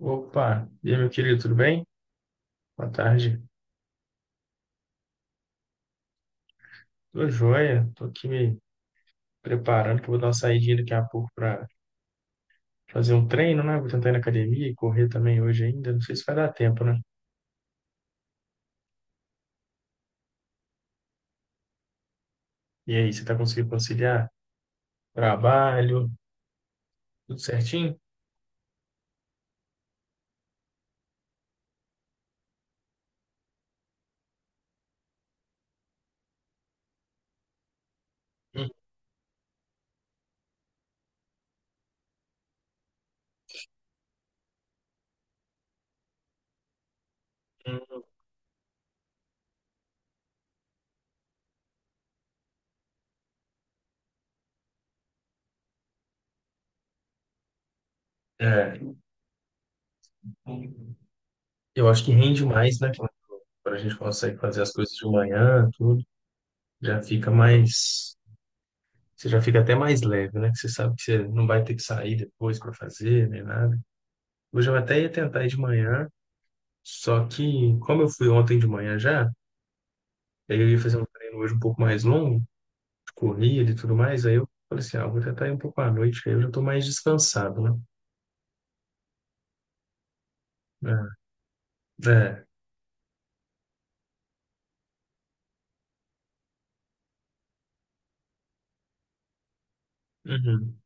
Opa, e aí, meu querido, tudo bem? Boa tarde. Tô joia, tô aqui me preparando, que eu vou dar uma saidinha daqui a pouco para fazer um treino, né? Vou tentar ir na academia e correr também hoje ainda. Não sei se vai dar tempo, né? E aí, você tá conseguindo conciliar trabalho, tudo certinho? Uhum. É, eu acho que rende mais, né? Quando a gente consegue fazer as coisas de manhã, tudo, já fica mais. Você já fica até mais leve, né? Que você sabe que você não vai ter que sair depois para fazer, nem nada. Hoje eu até ia tentar ir de manhã. Só que, como eu fui ontem de manhã já, aí eu ia fazer um treino hoje um pouco mais longo, de corrida e tudo mais, aí eu falei assim, ah, eu vou tentar ir um pouco à noite, que aí eu já tô mais descansado, né? É, é, uhum,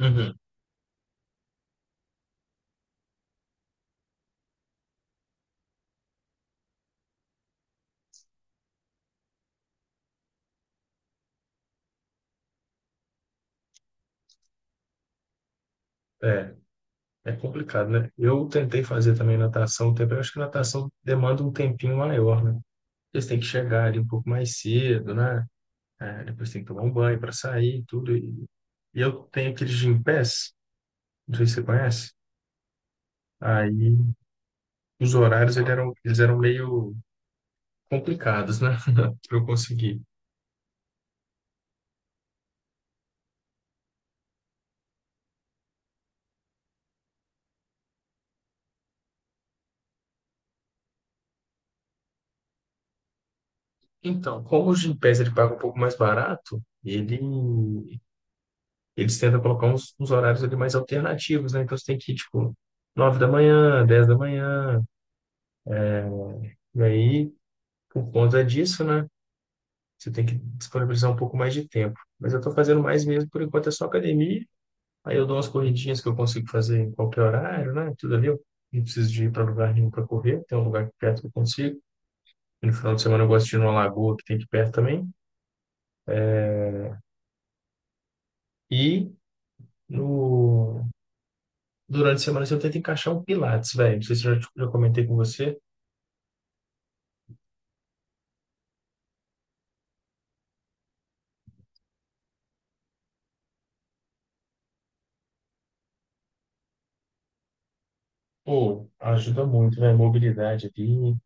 uhum, é, é complicado, né? Eu tentei fazer também natação, um tempo, eu acho que natação demanda um tempinho maior, né? Eles têm que chegar ali um pouco mais cedo, né? É, depois tem que tomar um banho para sair e tudo, e eu tenho aqueles Gympass, não sei se você conhece. Aí os horários eles eram meio complicados, né? Para eu conseguir. Então, como o Gympass ele paga um pouco mais barato, eles tentam colocar uns, uns horários ali mais alternativos, né? Então você tem que ir, tipo, 9 da manhã, 10 da manhã, e aí, por conta disso, né? Você tem que disponibilizar um pouco mais de tempo. Mas eu tô fazendo mais mesmo, por enquanto é só academia, aí eu dou umas corridinhas que eu consigo fazer em qualquer horário, né? Tudo ali, eu não preciso de ir para lugar nenhum para correr, tem um lugar aqui perto que eu consigo. No final de semana eu gosto de ir numa lagoa que tem aqui perto também. E No... Durante a semana, assim, eu tento encaixar um Pilates, velho. Não sei se eu já comentei com você. Pô, ajuda muito, né? Mobilidade ali,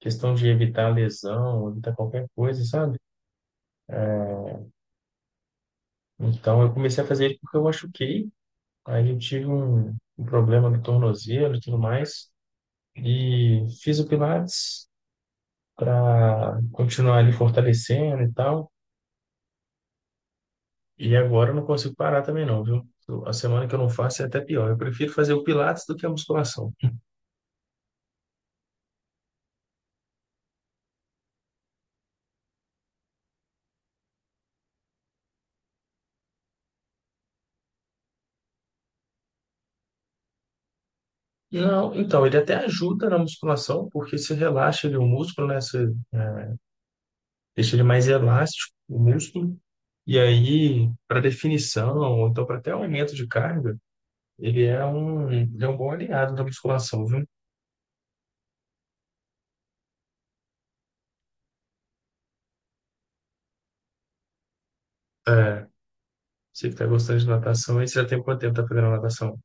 questão de evitar lesão, evitar qualquer coisa, sabe? Então, eu comecei a fazer ele porque eu machuquei. Aí eu tive um problema no tornozelo e tudo mais. E fiz o Pilates para continuar ali fortalecendo e tal. E agora eu não consigo parar também não, viu? A semana que eu não faço é até pior. Eu prefiro fazer o Pilates do que a musculação. Não, então, ele até ajuda na musculação, porque se relaxa ele, o músculo, né? Você deixa ele mais elástico, o músculo. E aí, para definição, ou então para até aumento de carga, ele é um bom aliado da musculação, viu? É, você que tá gostando de natação, aí você já tem quanto tempo tá fazendo natação?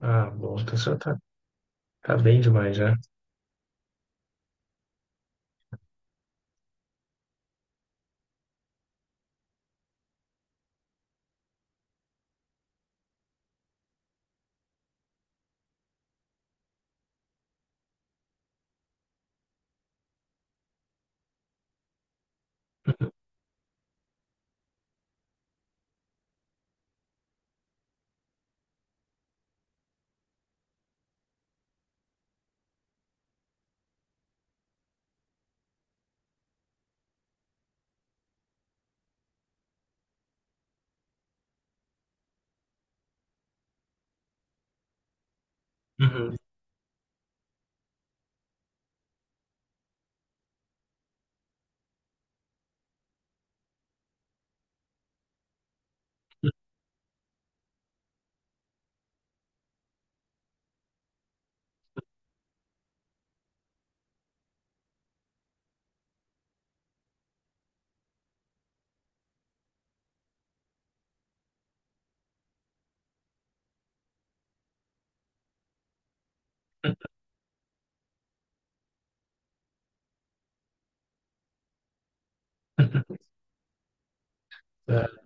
Ah, bom, então você já tá, tá bem demais, né? Uhum. É,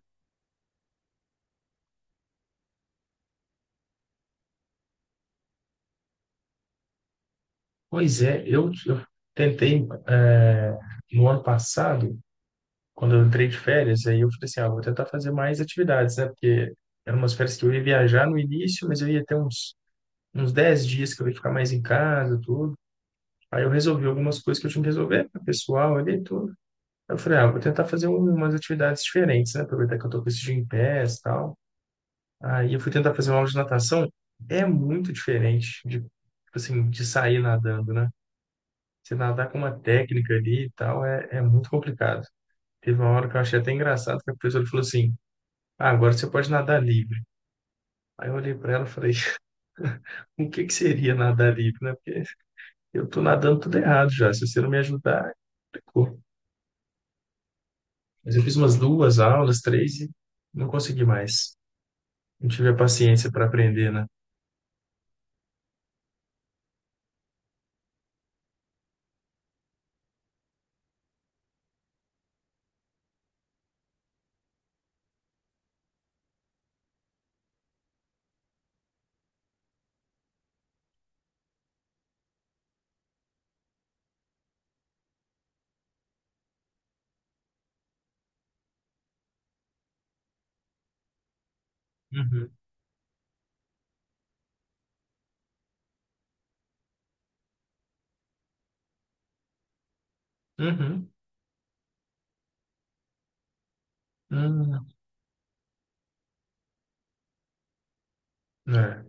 pois é, eu tentei, no ano passado, quando eu entrei de férias, aí eu falei assim, ah, vou tentar fazer mais atividades, né? Porque eram umas férias que eu ia viajar no início, mas eu ia ter uns 10 dias que eu ia ficar mais em casa, tudo. Aí eu resolvi algumas coisas que eu tinha que resolver, né, pessoal ali e tudo. Aí eu falei, ah, vou tentar fazer umas atividades diferentes, né? Aproveitar que eu tô com esse dia em pés e tal. Aí eu fui tentar fazer uma aula de natação. É muito diferente de, tipo assim, de sair nadando, né? Você nadar com uma técnica ali e tal é muito complicado. Teve uma hora que eu achei até engraçado, que a professora falou assim, ah, agora você pode nadar livre. Aí eu olhei para ela e falei, o que que seria nadar livre, né? Porque eu tô nadando tudo errado já. Se você não me ajudar, ficou. Mas eu fiz umas duas aulas, três e não consegui mais. Não tive a paciência para aprender, né? Uhum, uhum, uhum. É.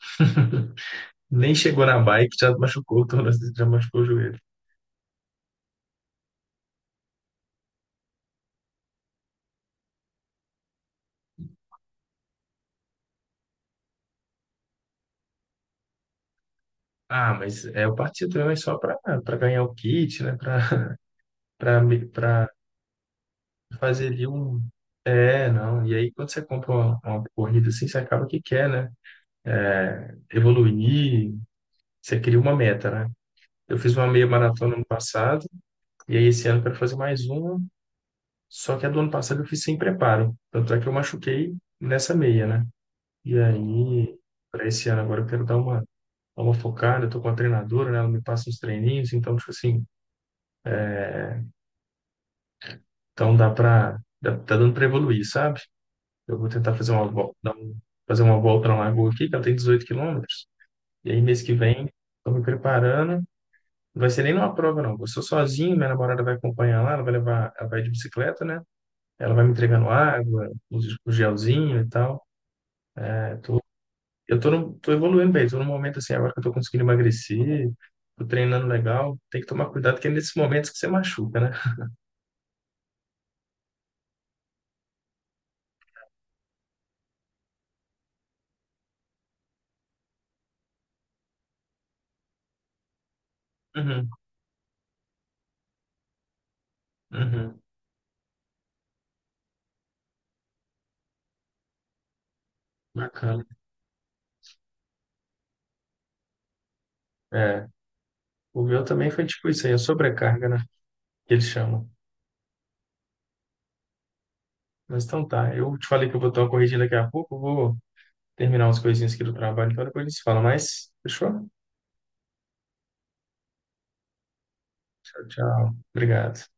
Nem chegou na bike, já machucou, o tórax, já machucou o joelho. Ah, mas é, eu parti do leão é só para ganhar o kit, né? Para para fazer ali um, é, não. E aí, quando você compra uma corrida assim, você acaba que quer, né? Evoluir, você cria uma meta, né? Eu fiz uma meia maratona ano passado, e aí esse ano eu quero fazer mais uma, só que a do ano passado eu fiz sem preparo. Tanto é que eu machuquei nessa meia, né? E aí, para esse ano agora eu quero dar uma focada, eu tô com a treinadora, né? Ela me passa uns treininhos, então, tipo assim, então tá dando pra evoluir, sabe? Eu vou tentar fazer uma, vol- dar um- fazer uma volta na Lagoa aqui, que ela tem 18 quilômetros. E aí, mês que vem, estou me preparando. Não vai ser nem numa prova, não. Eu sou sozinho, minha namorada vai acompanhar lá, ela vai levar, ela vai de bicicleta, né? Ela vai me entregando água, o gelzinho e tal. É, tô, eu tô, tô evoluindo bem, tô num momento assim, agora que eu tô conseguindo emagrecer, tô treinando legal. Tem que tomar cuidado, que é nesses momentos que você machuca, né? Uhum, uhum, bacana. É, o meu também foi tipo isso aí, a sobrecarga, né? Que eles chamam. Mas então tá, eu te falei que eu vou dar uma corridinha daqui a pouco, eu vou terminar umas coisinhas aqui do trabalho, então depois a gente se fala mais. Fechou? Tchau, tchau. Obrigado.